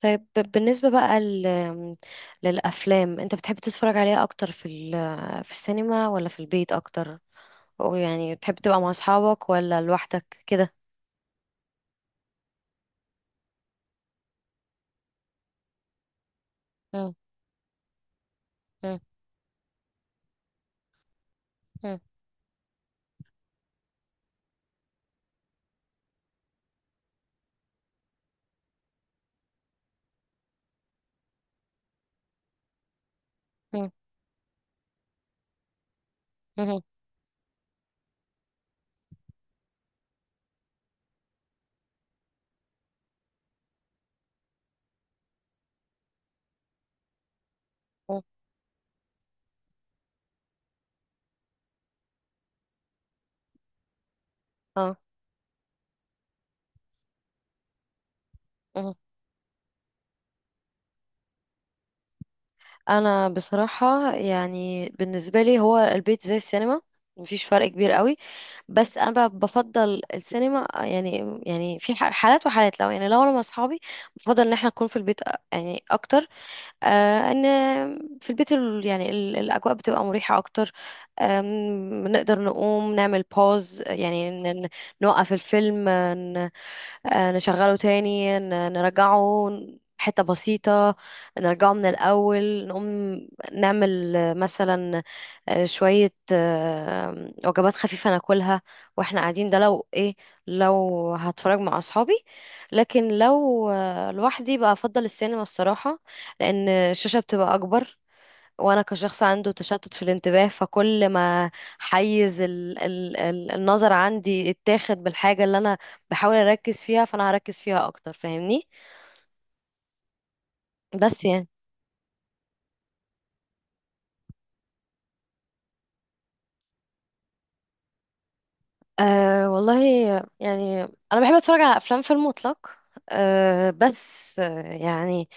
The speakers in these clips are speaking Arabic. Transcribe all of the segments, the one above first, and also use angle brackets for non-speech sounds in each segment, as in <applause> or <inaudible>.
طيب بالنسبة بقى للأفلام، أنت بتحب تتفرج عليها أكتر في في السينما ولا في البيت أكتر؟ أو يعني بتحب تبقى مع أصحابك ولا لوحدك كده؟ مم. مم. مم. مم. مم. مم. اه. مم. أنا بصراحة يعني بالنسبة لي هو البيت زي السينما، مفيش فرق كبير قوي. بس انا بقى بفضل السينما، يعني يعني في حالات وحالات. لو يعني لو انا مع اصحابي بفضل ان احنا نكون في البيت، يعني اكتر. آه، ان في البيت يعني الاجواء بتبقى مريحه اكتر. نقدر نقوم نعمل باوز، يعني نوقف الفيلم، نشغله تاني، نرجعه حتة بسيطة، نرجعه من الأول. نقوم نعمل مثلا شوية وجبات خفيفة ناكلها واحنا قاعدين. ده لو ايه، لو هتفرج مع أصحابي. لكن لو لوحدي بقى أفضل السينما الصراحة، لأن الشاشة بتبقى أكبر، وانا كشخص عنده تشتت في الانتباه، فكل ما حيز ال النظر عندي اتاخد بالحاجة اللي انا بحاول اركز فيها، فانا هركز فيها اكتر، فاهمني؟ بس يعني أه والله يعني انا بحب اتفرج على افلام في المطلق. أه بس يعني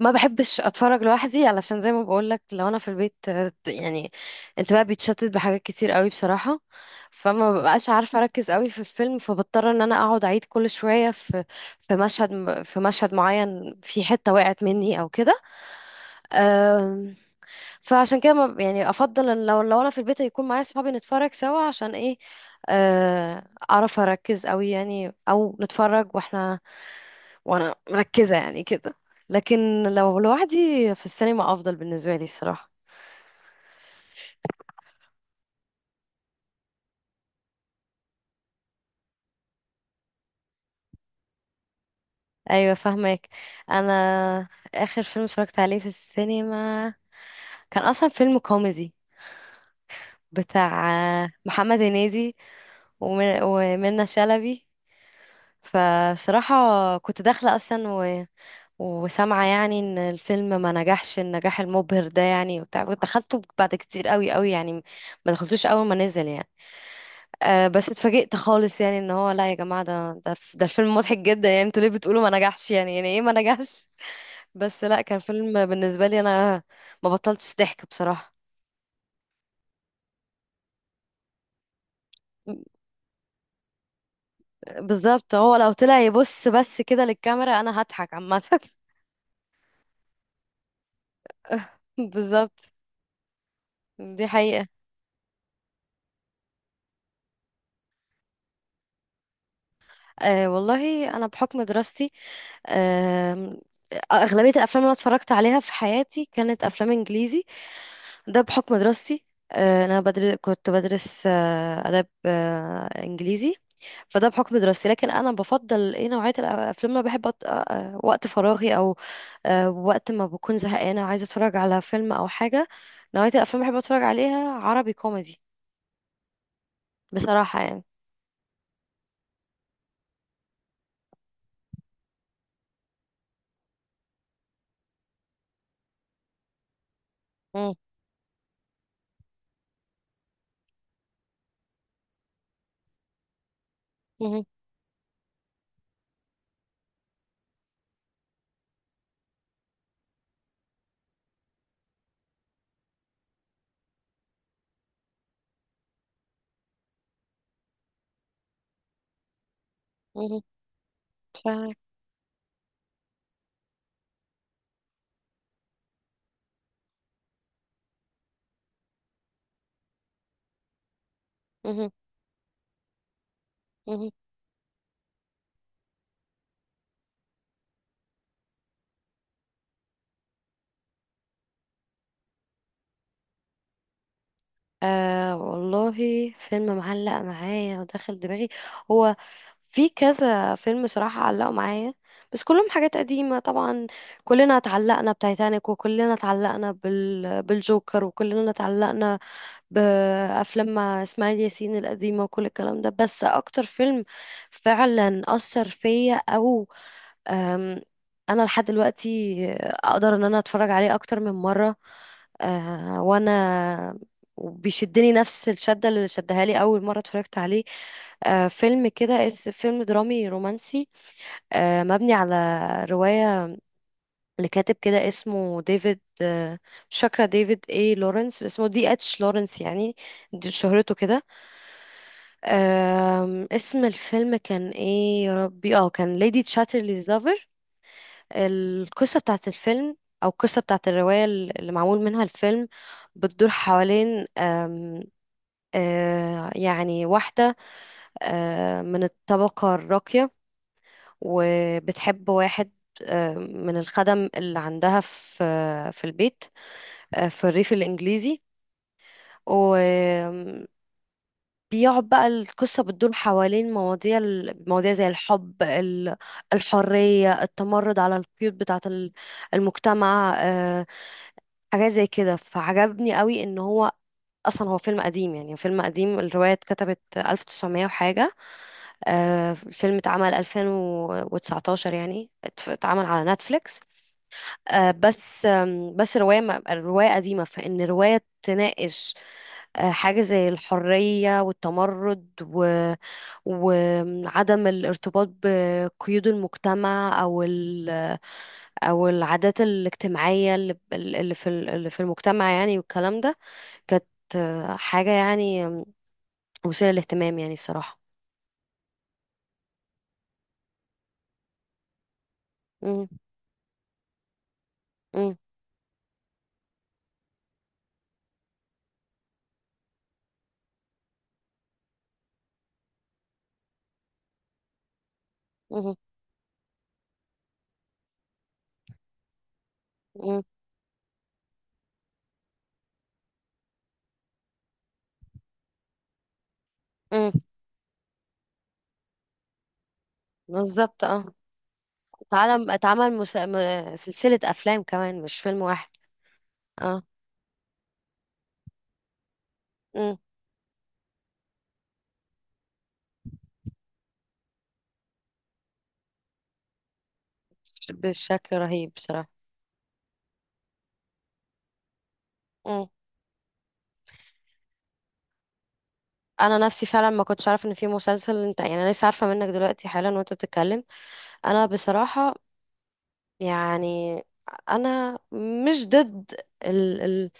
ما بحبش اتفرج لوحدي، علشان زي ما بقول لك لو انا في البيت يعني انتباهي بيتشتت بحاجات كتير قوي بصراحة، فما ببقاش عارفة اركز قوي في الفيلم، فبضطر ان انا اقعد اعيد كل شوية في في مشهد معين، في حتة وقعت مني او كده. آم، فعشان كده يعني افضل ان لو لو انا في البيت يكون معايا صحابي نتفرج سوا، عشان ايه، آه، اعرف اركز قوي يعني، او نتفرج واحنا وانا مركزة يعني كده. لكن لو لوحدي، في السينما افضل بالنسبة لي الصراحة. ايوه فاهمك. انا اخر فيلم اتفرجت عليه في السينما كان اصلا فيلم كوميدي بتاع محمد هنيدي ومنى شلبي. فبصراحة كنت داخلة اصلا وسامعة يعني ان الفيلم ما نجحش النجاح المبهر ده يعني، وبتاع دخلته بعد كتير قوي قوي يعني، ما دخلتوش اول ما نزل يعني. أه بس اتفاجئت خالص يعني ان هو لا يا جماعة، ده الفيلم مضحك جدا يعني، انتوا ليه بتقولوا ما نجحش يعني، يعني ايه ما نجحش؟ <laughs> بس لا كان فيلم بالنسبة لي انا ما بطلتش ضحك بصراحة. بالظبط، هو لو طلع يبص بس كده للكاميرا انا هضحك عامة. <laughs> بالظبط، دي حقيقة. أه والله أنا بحكم دراستي، أم، أغلبية الأفلام اللي أنا اتفرجت عليها في حياتي كانت أفلام إنجليزي. ده بحكم دراستي. أه، أنا كنت بدرس آداب إنجليزي. فده بحكم دراستي. لكن أنا بفضل إيه، نوعية الأفلام اللي أنا بحب أط... أه، أه، وقت فراغي أو وقت ما بكون زهقانة عايزة أتفرج على فيلم أو حاجة، نوعية الأفلام اللي بحب أتفرج عليها عربي كوميدي، بصراحة يعني. مم. مهم. مهم. فاهمك. مهم. مهم. آه والله، فيلم معلق معايا وداخل دماغي، هو في كذا فيلم صراحة علقوا معايا، بس كلهم حاجات قديمة طبعا. كلنا اتعلقنا بتايتانيك، وكلنا اتعلقنا بالجوكر، وكلنا اتعلقنا بأفلام مع إسماعيل ياسين القديمة، وكل الكلام ده. بس أكتر فيلم فعلا أثر فيا، أم، انا لحد دلوقتي اقدر ان انا اتفرج عليه اكتر من مره، وانا بيشدني نفس الشده اللي شدها لي اول مره اتفرجت عليه، فيلم كده فيلم درامي رومانسي، مبني على روايه لكاتب كده اسمه ديفيد، مش فاكره ديفيد ايه، لورنس اسمه، دي اتش لورنس يعني، دي شهرته كده. اسم الفيلم كان ايه يا ربي، اه كان ليدي تشاترلي. القصة بتاعت الفيلم، أو القصة بتاعت الرواية اللي معمول منها الفيلم، بتدور حوالين آم، آه، يعني واحدة من الطبقة الراقية وبتحب واحد من الخدم اللي عندها في في البيت، في الريف الإنجليزي. بيقعد بقى القصة بتدور حوالين مواضيع مواضيع زي الحب، الحرية، التمرد على القيود بتاعة المجتمع، حاجات زي كده. فعجبني قوي ان هو اصلا هو فيلم قديم يعني، فيلم قديم، الرواية اتكتبت 1900 وحاجة، الفيلم اتعمل 2019 يعني اتعمل على نتفليكس، بس رواية رواية قديمة، فإن رواية تناقش حاجة زي الحرية والتمرد وعدم الارتباط بقيود المجتمع أو أو العادات الاجتماعية اللي في اللي في المجتمع يعني والكلام ده، كانت حاجة يعني مثيرة للاهتمام يعني الصراحة. مم. مم. مم. مم. مم. بالظبط اه، اتعمل سلسلة أفلام كمان، مش فيلم واحد. اه. امم. بشكل رهيب بصراحة. امم. انا نفسي فعلا ما كنتش عارفه ان في مسلسل، انت يعني انا لسه عارفه منك دلوقتي حالا وانت بتتكلم. انا بصراحه يعني انا مش ضد ال- ال-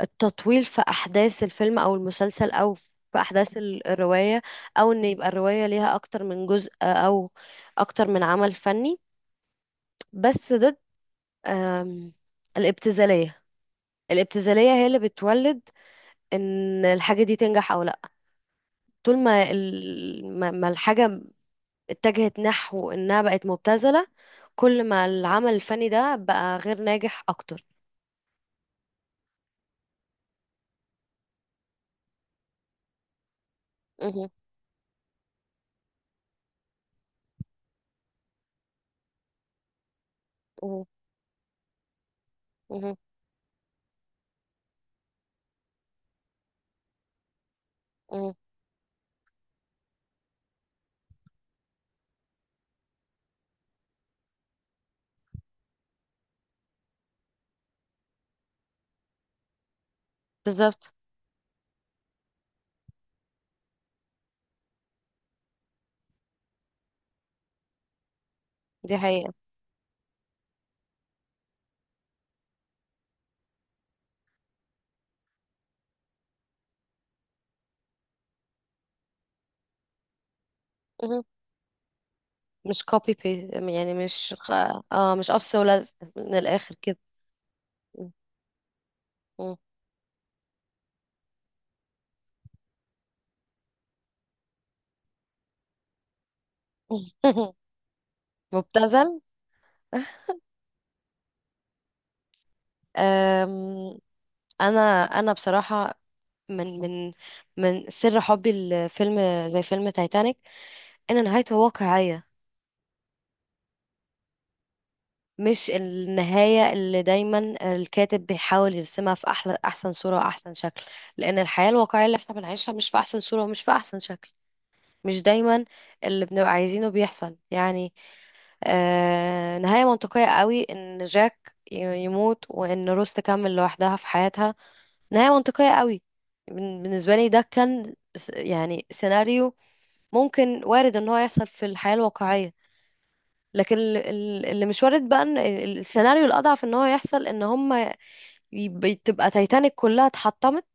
التطويل في احداث الفيلم او المسلسل او في احداث الروايه، او ان يبقى الروايه ليها اكتر من جزء او اكتر من عمل فني. بس ضد آم، الابتذاليه. الابتذاليه هي اللي بتولد ان الحاجه دي تنجح او لا. طول ما ما الحاجة اتجهت نحو إنها بقت مبتذلة، كل ما العمل الفني ده بقى غير ناجح أكتر. مهم. مهم. مهم. مهم. بالظبط، دي حقيقة. مهم. مش copy paste يعني، مش خ- اه مش قص ولزق من الآخر كده. مهم. مهم. <laughs> مبتذل. أم، أنا بصراحة من من من سر حبي لفيلم زي فيلم تايتانيك إن نهايته واقعية، مش النهاية اللي دايما الكاتب بيحاول يرسمها في أحسن صورة وأحسن شكل. لأن الحياة الواقعية اللي احنا بنعيشها مش في أحسن صورة ومش في أحسن شكل، مش دايما اللي بنبقى عايزينه بيحصل يعني. آه، نهاية منطقية قوي إن جاك يموت وإن روز تكمل لوحدها في حياتها، نهاية منطقية قوي. بالنسبة لي ده كان يعني سيناريو ممكن وارد إن هو يحصل في الحياة الواقعية. لكن اللي مش وارد بقى ان السيناريو الاضعف ان هو يحصل ان هم تبقى تايتانيك كلها اتحطمت،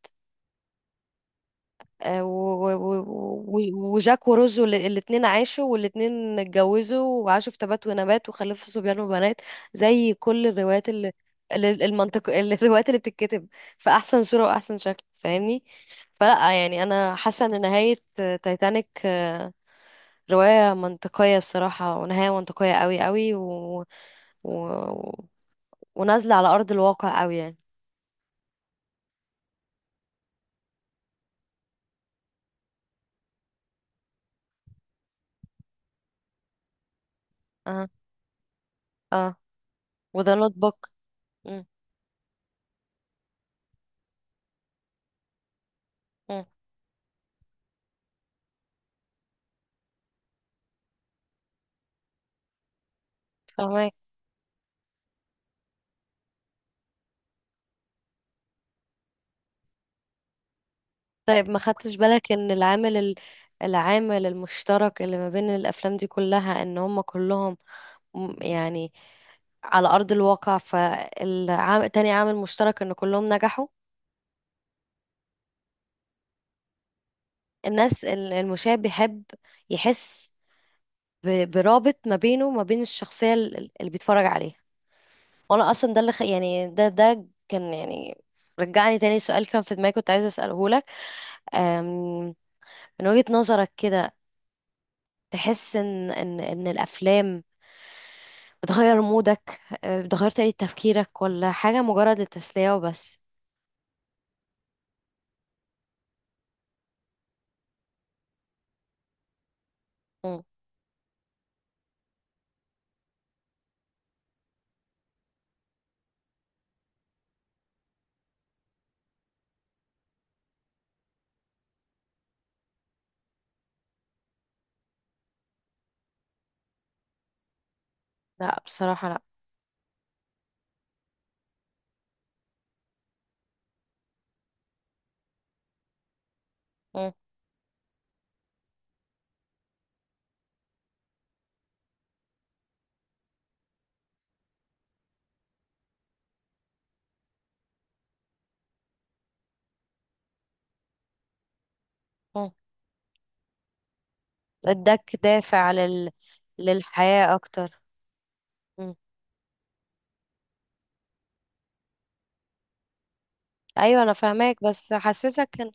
وجاك وروز الاثنين عاشوا والاثنين اتجوزوا وعاشوا في تبات ونبات وخلفوا صبيان وبنات، زي كل الروايات المنطق. <laughs> الروايات اللي بتتكتب في احسن صورة واحسن شكل، فاهمني؟ فلا يعني انا حاسة ان نهاية تايتانيك رواية منطقية بصراحة ونهاية منطقية قوي قوي و... ونازلة على أرض الواقع قوي يعني. اه. اه. وذا نوت بوك. فاهمك. طيب ما خدتش بالك ان العامل العامل المشترك اللي ما بين الافلام دي كلها ان هم كلهم يعني على ارض الواقع. فالعام تاني عامل مشترك ان كلهم نجحوا. الناس المشاهد بيحب يحس برابط ما بينه وما بين الشخصية اللي بيتفرج عليها. وانا اصلا ده اللي يعني ده كان يعني رجعني تاني سؤال كان في دماغي كنت عايزة اسأله، أم، من وجهة نظرك كده، تحس ان الافلام بتغير مودك، بتغير طريقة تفكيرك، ولا حاجة مجرد للتسلية وبس؟ مم. لا بصراحة لا. مم. مم. اداك دافع للحياة اكتر. مم. ايوه انا فاهماك،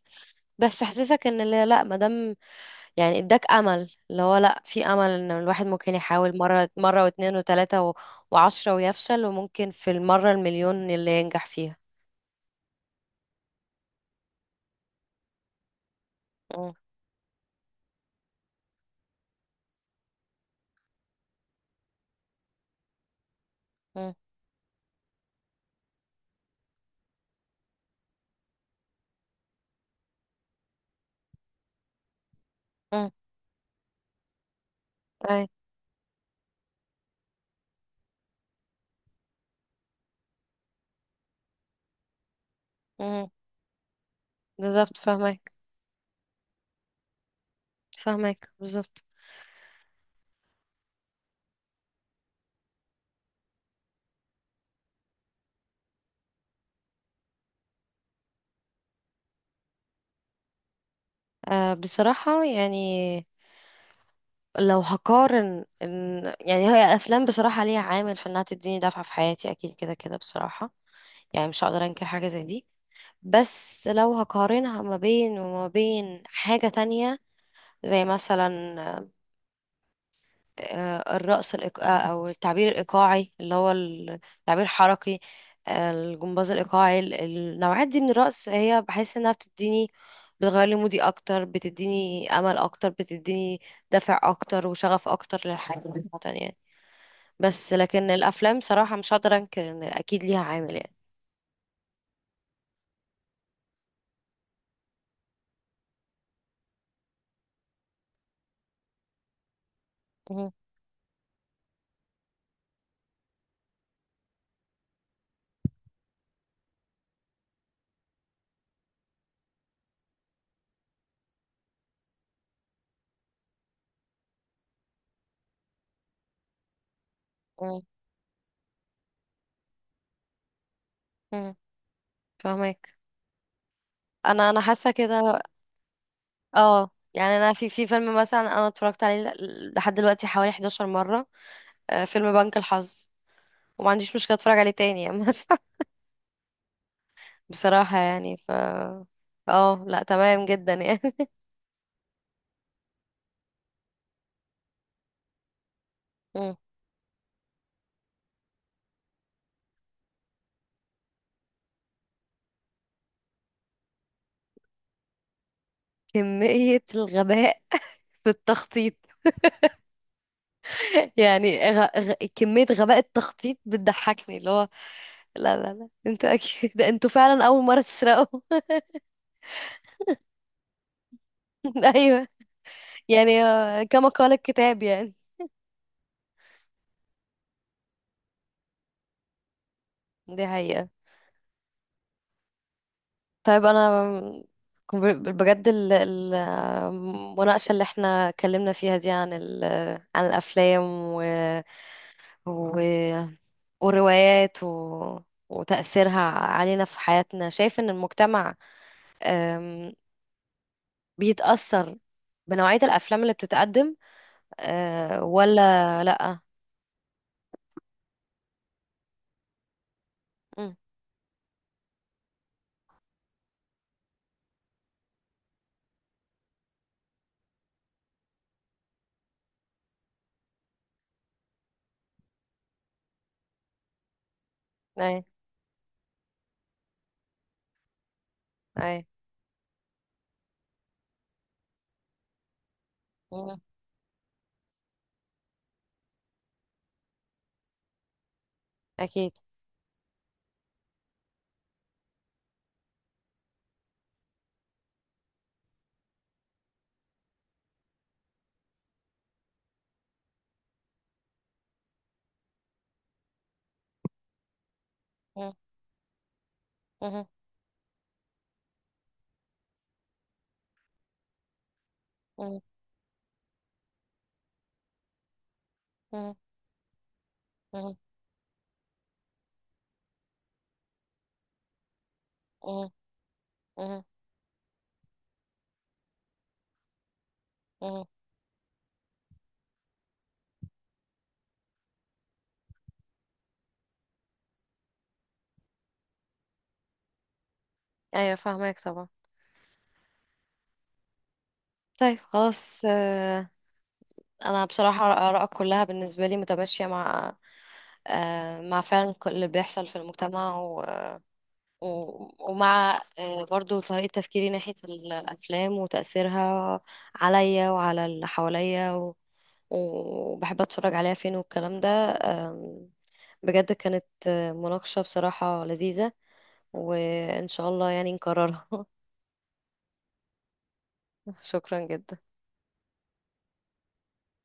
بس حسسك ان لا لا، مادام يعني اداك امل اللي هو لا، في امل ان الواحد ممكن يحاول مرة مرة واتنين وتلاتة وعشرة ويفشل، وممكن في المرة المليون اللي ينجح فيها. مم. مم. امم. اي. امم. بالظبط فاهمك، فاهمك بالظبط. آه بصراحة يعني، لو هقارن إن يعني هي الأفلام بصراحة ليها عامل في إنها تديني دفعة في حياتي، أكيد كده كده بصراحة، يعني مش هقدر أنكر حاجة زي دي. بس لو هقارنها ما بين وما بين حاجة تانية زي مثلا آه، الرقص الإيق... آه، أو التعبير الإيقاعي اللي هو تعبير حركي، الجمباز الإيقاعي، النوعات دي من الرقص، هي بحس إنها بتديني، بتغير لي مودي أكتر، بتديني أمل أكتر، بتديني دافع أكتر وشغف أكتر للحياة عامة يعني. بس لكن الأفلام صراحة مش هقدر أنكر إن أكيد ليها عامل يعني. مم. مم. مم. فاهمك. أنا حاسة كده. اه يعني انا في فيلم مثلا انا اتفرجت عليه لحد دلوقتي حوالي 11 مره، فيلم بنك الحظ، وما عنديش مشكلة اتفرج عليه تاني يعني. <laughs> بصراحة يعني ف اه لا تمام جدا يعني. <laughs> مم. كمية الغباء <laughs> في التخطيط، يعني كمية غباء التخطيط بتضحكني، اللي هو لا لا، انتوا اكيد ده انتوا فعلا اول مرة تسرقوا. <laughs> ايوه، يعني آه، كما قال الكتاب يعني. دي حقيقة. طيب انا كنت بجد المناقشة اللي احنا اتكلمنا فيها دي عن عن الافلام و... والروايات وتأثيرها علينا في حياتنا، شايف إن المجتمع أم، بيتأثر بنوعية الأفلام اللي بتتقدم، ولا لأ؟ مم. أي. أي. مم. أكيد. مم. مم. مم. مم. مم. مم. مم. مم. أيوة فاهمك طبعا. طيب خلاص أنا بصراحة آرائك كلها بالنسبة لي متماشية مع مع فعلا كل اللي بيحصل في المجتمع، ومع برضو طريقة تفكيري ناحية الأفلام وتأثيرها عليا وعلى اللي حواليا وبحب أتفرج عليها فين والكلام ده، آم، بجد كانت مناقشة بصراحة لذيذة، وإن شاء الله يعني نكررها. <laughs> شكرا جدا.